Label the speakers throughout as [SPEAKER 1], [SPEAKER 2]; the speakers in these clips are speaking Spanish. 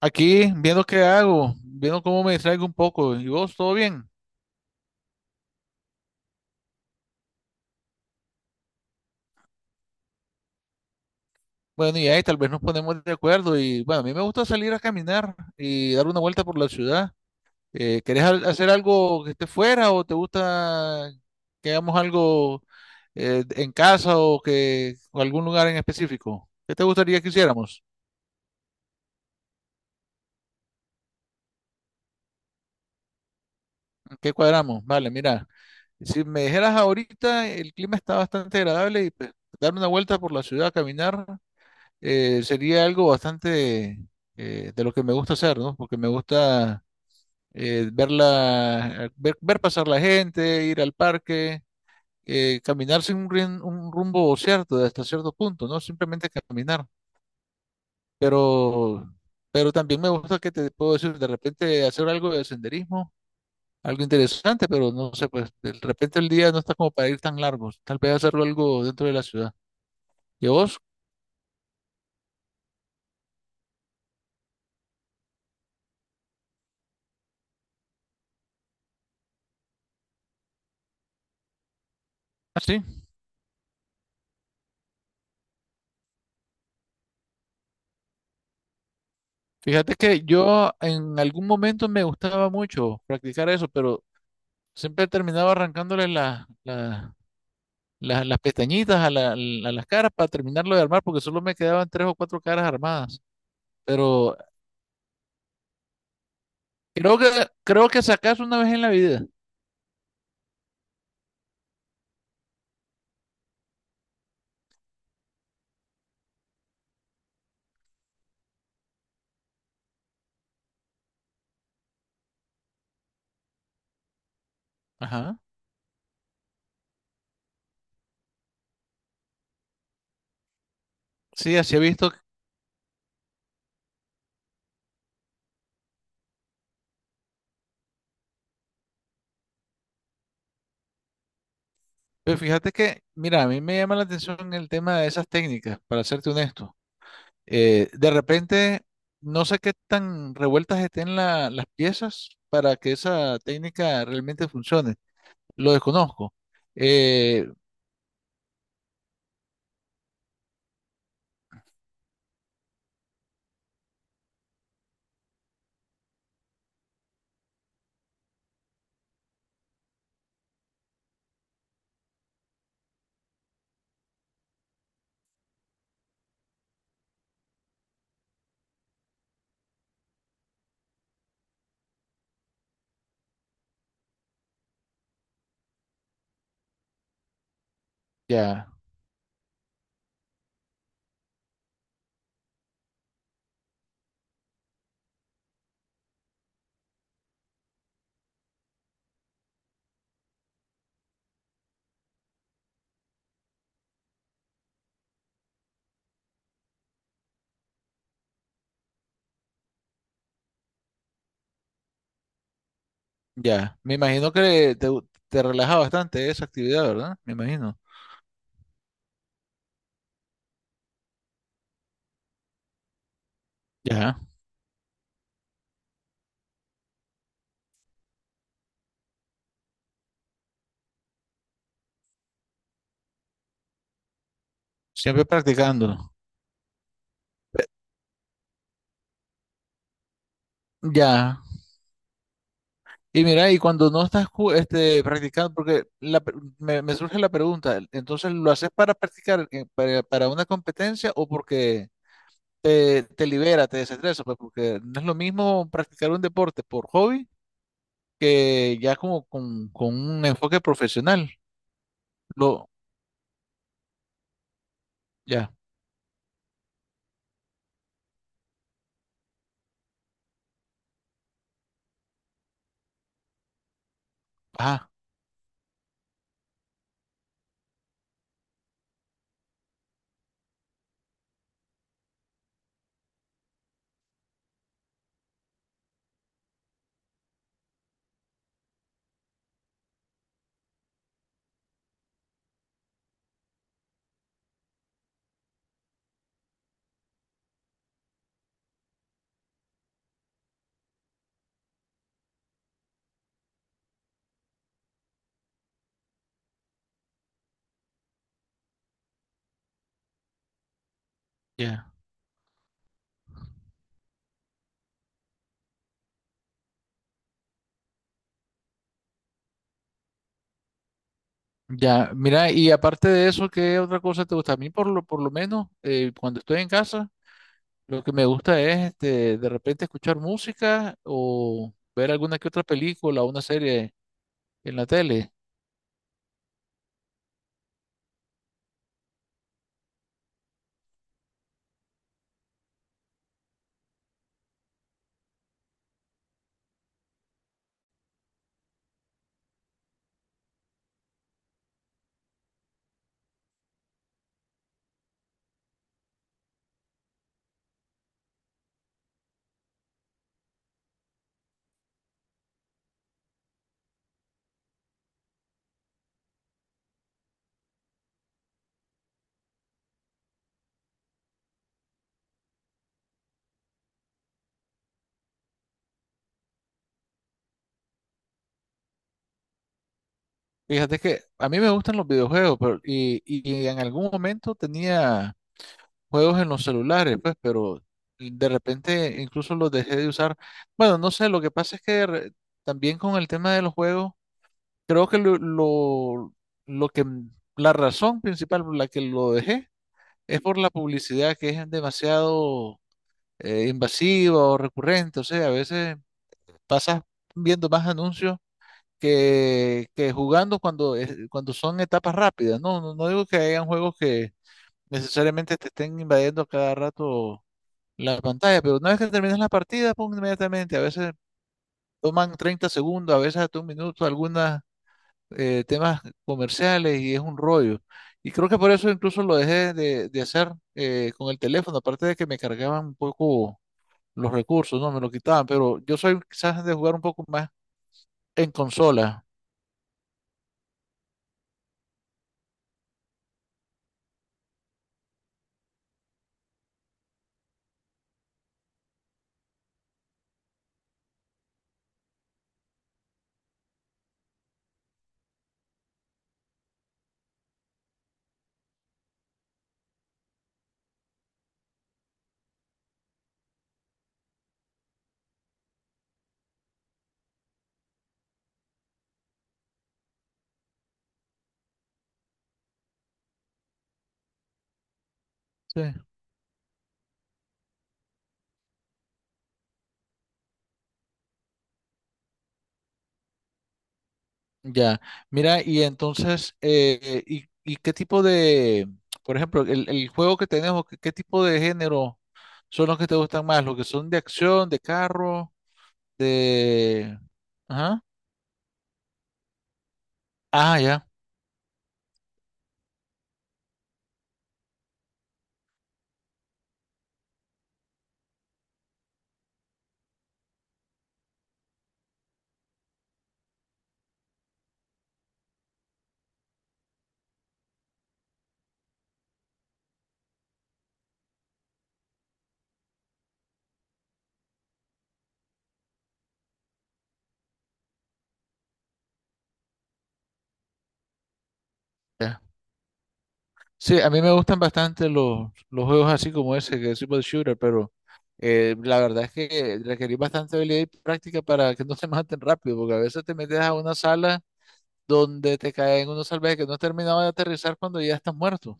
[SPEAKER 1] Aquí, viendo qué hago, viendo cómo me distraigo un poco. ¿Y vos, todo bien? Bueno, y ahí tal vez nos ponemos de acuerdo. Y bueno, a mí me gusta salir a caminar y dar una vuelta por la ciudad. ¿Querés hacer algo que esté fuera o te gusta que hagamos algo en casa o que o algún lugar en específico? ¿Qué te gustaría que hiciéramos? ¿Qué cuadramos? Vale, mira, si me dijeras ahorita, el clima está bastante agradable y pues, dar una vuelta por la ciudad, caminar. Sería algo bastante de lo que me gusta hacer, ¿no? Porque me gusta ver pasar la gente, ir al parque, caminar sin un rumbo cierto, hasta cierto punto, ¿no? Simplemente caminar. Pero, pero también me gusta que te puedo decir, de repente hacer algo de senderismo, algo interesante, pero no sé, pues de repente el día no está como para ir tan largos. Tal vez hacerlo algo dentro de la ciudad. ¿Y vos? Así. Fíjate que yo en algún momento me gustaba mucho practicar eso, pero siempre terminaba arrancándole las pestañitas a las caras para terminarlo de armar, porque solo me quedaban tres o cuatro caras armadas. Pero creo que creo que sacas una vez en la vida. Ajá. Sí, así he visto. Pero fíjate que, mira, a mí me llama la atención el tema de esas técnicas, para serte honesto. De repente, no sé qué tan revueltas estén las piezas para que esa técnica realmente funcione. Lo desconozco. Eh, ya, ya. Me imagino que te relaja bastante esa actividad, ¿verdad? Me imagino. Ya. Siempre practicándolo. Ya. Y mira, y cuando no estás este, practicando, porque me surge la pregunta, entonces ¿lo haces para practicar, para una competencia o porque te libera, te desestresa? Pues porque no es lo mismo practicar un deporte por hobby que ya como con un enfoque profesional. Lo, ya, ajá, ya. Ya, mira, y aparte de eso, ¿qué otra cosa te gusta? A mí por lo menos, cuando estoy en casa, lo que me gusta es este, de repente escuchar música o ver alguna que otra película o una serie en la tele. Fíjate que a mí me gustan los videojuegos, pero, y en algún momento tenía juegos en los celulares, pues, pero de repente incluso los dejé de usar. Bueno, no sé, lo que pasa es que también con el tema de los juegos. Creo que lo que, la razón principal por la que lo dejé es por la publicidad que es demasiado invasiva o recurrente. O sea, a veces pasas viendo más anuncios que jugando cuando son etapas rápidas. No, no, no digo que hayan juegos que necesariamente te estén invadiendo a cada rato la pantalla, pero una vez que terminas la partida, pum, inmediatamente. A veces toman 30 segundos, a veces hasta un minuto, algunas temas comerciales y es un rollo. Y creo que por eso incluso lo dejé de hacer con el teléfono, aparte de que me cargaban un poco los recursos, no me lo quitaban, pero yo soy quizás de jugar un poco más en consola. Sí. Ya, mira, y entonces, y qué tipo de, por ejemplo, el juego que tenemos, qué tipo de género son los que te gustan más? ¿Los que son de acción, de carro, de? Ajá. Ah, ya. Sí, a mí me gustan bastante los juegos así como ese, que es Super Shooter, pero la verdad es que requerís bastante habilidad y práctica para que no te maten rápido, porque a veces te metes a una sala donde te caen unos salvajes que no has terminado de aterrizar cuando ya estás muerto.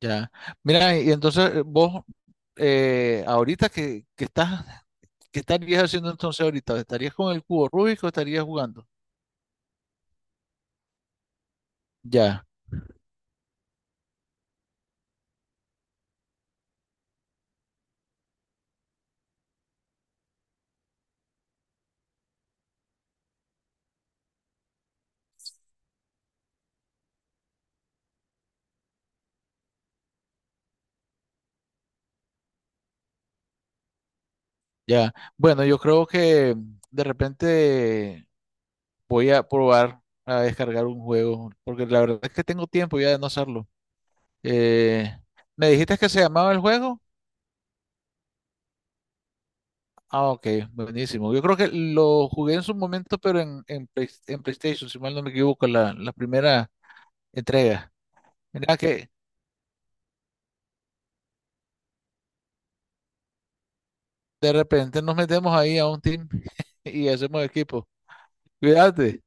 [SPEAKER 1] Ya. Mira, y entonces vos, ahorita que estás, ¿qué estarías haciendo entonces ahorita? ¿Estarías con el cubo Rubik o estarías jugando? Ya, ya. Bueno, yo creo que de repente. Voy a probar a descargar un juego, porque la verdad es que tengo tiempo ya de no hacerlo. Eh, ¿me dijiste que se llamaba el juego? Ah, ok, buenísimo. Yo creo que lo jugué en su momento, pero en PlayStation, si mal no me equivoco, la primera entrega. Mira que de repente nos metemos ahí a un team y hacemos equipo. Cuídate.